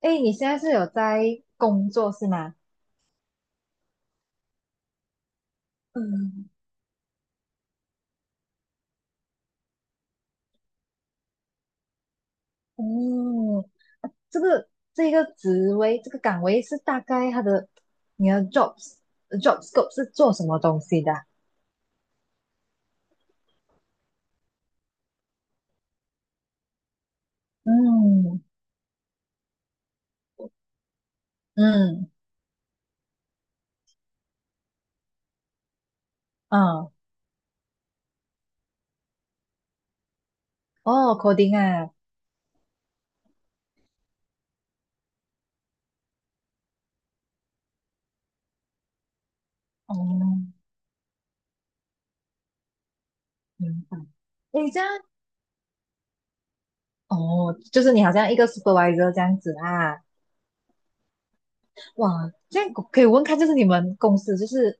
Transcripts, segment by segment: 哎，你现在是有在工作是吗？嗯，哦，这个这个职位这个岗位是大概它的你的 job scope 是做什么东西的啊嗯嗯嗯，哦，coding 啊，哦，明白。诶，这样哦，就是你好像一个 supervisor 这样子啊。哇，这样可以问看，就是你们公司就是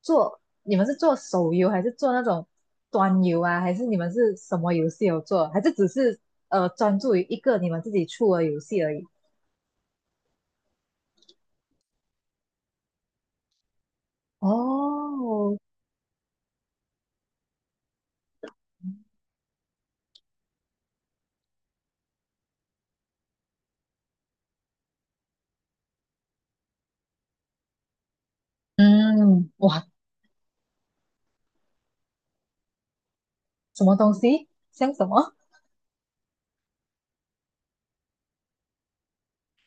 做，你们是做手游还是做那种端游啊？还是你们是什么游戏有做？还是只是专注于一个你们自己出的游戏而已？哦，嗯，哇，什么东西？像什么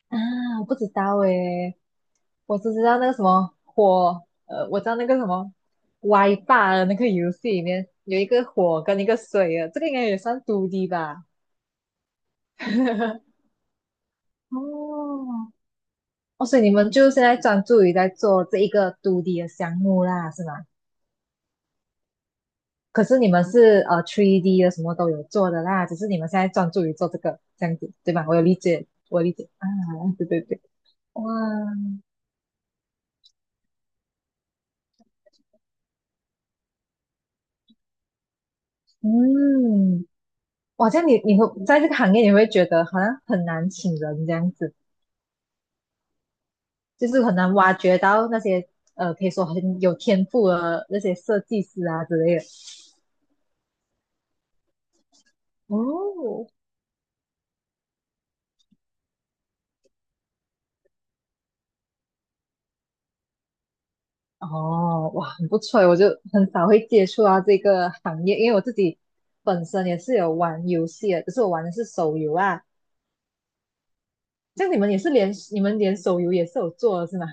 啊？我不知道诶，我只知道那个什么火，我知道那个什么歪霸的那个游戏里面有一个火跟一个水啊，这个应该也算 2D 吧？哦，哦，所以你们就现在专注于在做这一个 2D 的项目啦，是吗？可是你们是3D 的什么都有做的啦，只是你们现在专注于做这个这样子，对吧？我有理解，我理解啊，对对对，哇，嗯，哇，这样你会在这个行业你会觉得好像很难请人这样子，就是很难挖掘到那些可以说很有天赋的那些设计师啊之类的。哦，哦，哇，很不错诶，我就很少会接触到这个行业，因为我自己本身也是有玩游戏的，只是我玩的是手游啊。像你们也是连你们连手游也是有做的是吗？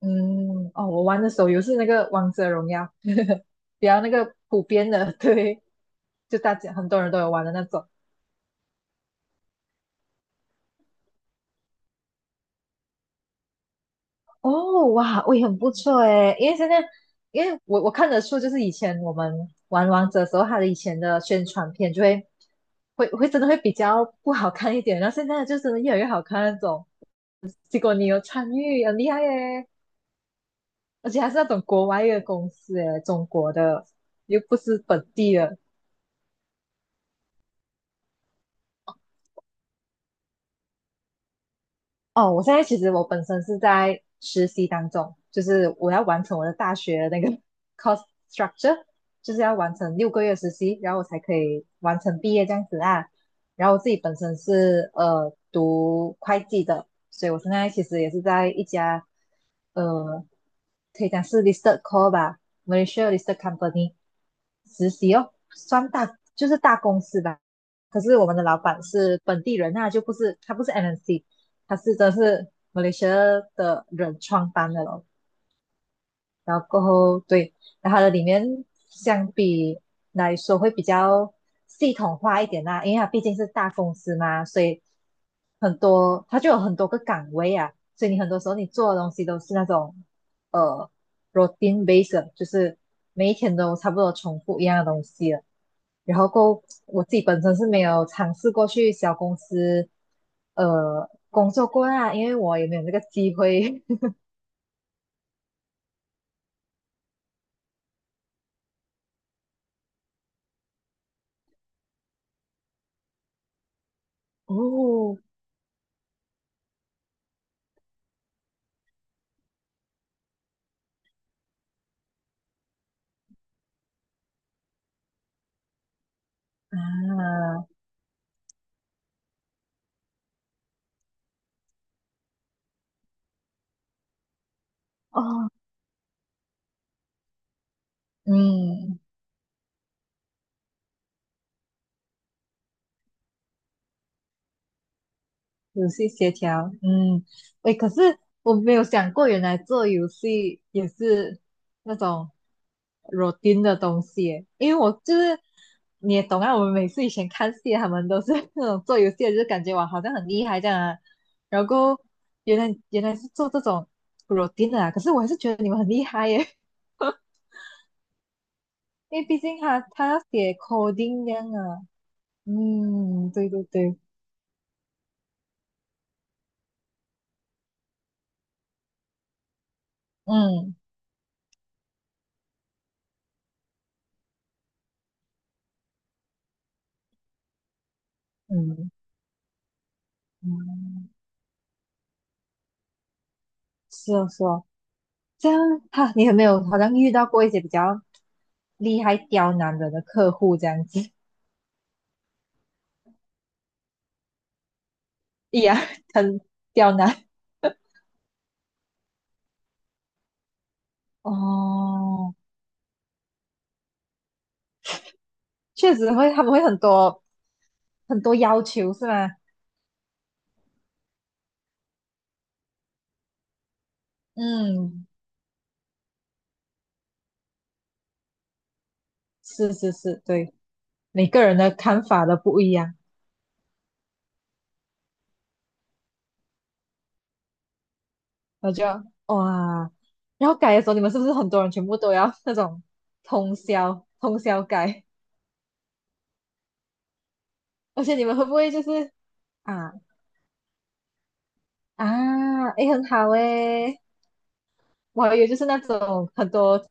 嗯，哦，我玩的手游是那个《王者荣耀》，比较那个普遍的，对，就大家很多人都有玩的那种。哦，哇，我也很不错诶，因为现在，因为我看得出，就是以前我们玩王者的时候，它的以前的宣传片就会真的会比较不好看一点，然后现在就真的越来越好看那种。结果你有参与，很厉害耶，而且还是那种国外的公司诶，中国的，又不是本地的。哦，我现在其实我本身是在实习当中，就是我要完成我的大学那个 cost structure，就是要完成6个月实习，然后我才可以完成毕业这样子啊。然后我自己本身是读会计的，所以我现在其实也是在一家呃可以讲是 listed co 吧，Malaysia listed company 实习哦，算大就是大公司吧。可是我们的老板是本地人那就不是他不是 MNC。它是真的是马来西亚的人创办的咯。然后过后对，然后它的里面相比来说会比较系统化一点啦、因为它毕竟是大公司嘛，所以很多它就有很多个岗位啊，所以你很多时候你做的东西都是那种呃 routine base，就是每一天都差不多重复一样的东西了。然后够我自己本身是没有尝试过去小公司，工作过啊，因为我也没有这个机会。哦啊，哦，嗯，游戏协调，嗯，诶，可是我没有想过，原来做游戏也是那种 routine 的东西耶，因为我就是你也懂啊，我们每次以前看戏，他们都是 那种做游戏的，就感觉哇，好像很厉害这样啊，然后原来是做这种 routine 的啊，可是我还是觉得你们很厉害耶，因为毕竟他要写 coding 这样啊，嗯，对对对，嗯嗯嗯，是哦是哦。这样哈，你有没有好像遇到过一些比较厉害刁难人的客户这样子？哎呀，很刁难哦，确实会，他们会很多很多要求是吗？嗯，是是是，对，每个人的看法都不一样，我就哇，然后改的时候，你们是不是很多人全部都要那种通宵通宵改？而且你们会不会就是啊啊，诶，很好诶，我还以为就是那种很多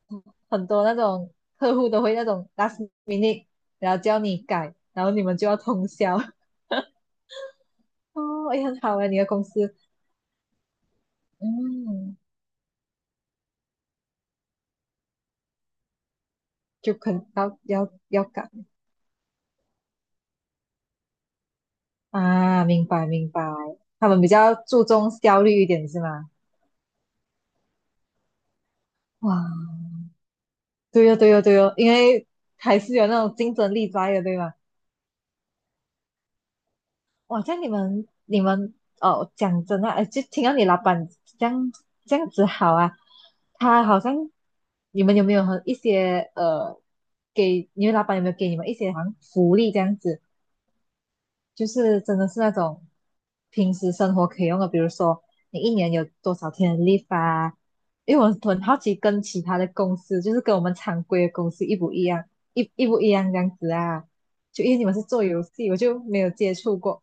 很多那种客户都会那种 last minute，然后叫你改，然后你们就要通宵。哦，也很好哎，你的公司，嗯，就可能要改啊，明白明白，他们比较注重效率一点是吗？哇，对哦对哦对哦，因为还是有那种竞争力在的，对吗？哇，像你们哦，讲真的，就听到你老板这样这样子好啊，他好像你们有没有和一些给你们老板有没有给你们一些好像福利这样子？就是真的是那种平时生活可以用的，比如说你一年有多少天的 leave 啊？因为我很好奇跟其他的公司，就是跟我们常规的公司一不一样，一不一样这样子啊？就因为你们是做游戏，我就没有接触过。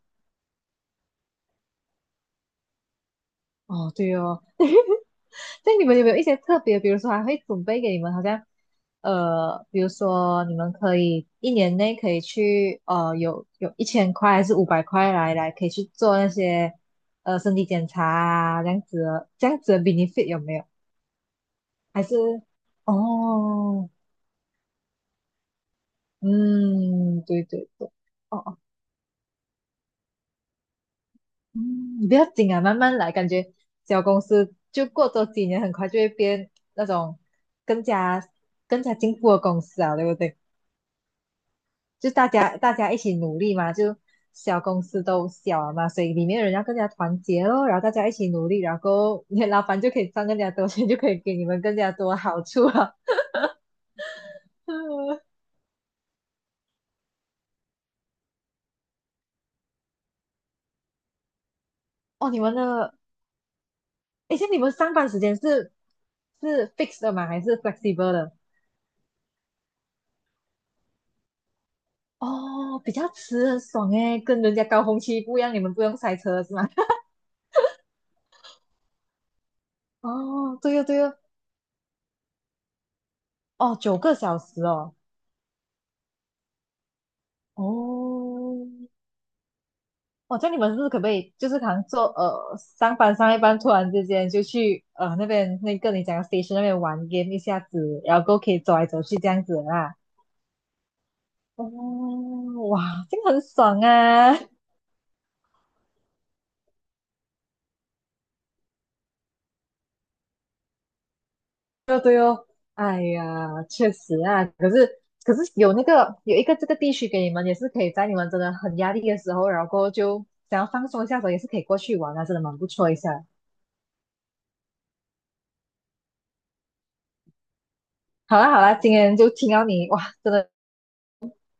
哦，对哦。对，你们有没有一些特别？比如说还会准备给你们，好像比如说你们可以一年内可以去有1000块还是500块可以去做那些身体检查啊，这样子的这样子的 benefit 有没有？还是哦，嗯，对对对，哦哦，嗯，你不要紧啊，慢慢来，感觉小公司就过多几年，很快就会变那种更加更加进步的公司啊，对不对？就大家大家一起努力嘛，就小公司都小了嘛，所以里面的人要更加团结咯，然后大家一起努力，然后 你老板就可以赚更加多钱，就可以给你们更加多好处了。哦，你们的，诶，像你们上班时间是是 fixed 的吗？还是 flexible 的？哦，比较迟很爽诶，跟人家高峰期不一样，你们不用塞车是吗？哦，对哦对哦，哦，9个小时哦，哦，哦，这样你们是不是可不可以，就是可能做上班上一班，突然之间就去那边那个你讲的 station 那边玩 game 一下子，然后过后可以走来走去这样子啦。哦，哇，这个很爽啊！对哦对哦，哎呀，确实啊，可是有那个有一个这个地区给你们，也是可以在你们真的很压力的时候，然后过后就想要放松一下的时候，也是可以过去玩啊，真的蛮不错一下。好啦好啦，今天就听到你哇，真的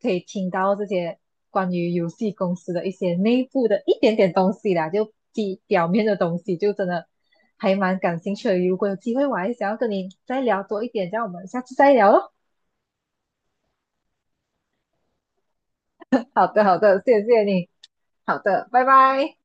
可以听到这些关于游戏公司的一些内部的一点点东西啦，就比表面的东西，就真的还蛮感兴趣的。如果有机会，我还想要跟你再聊多一点，这样我们下次再聊咯。好的，好的，谢谢你。好的，拜拜。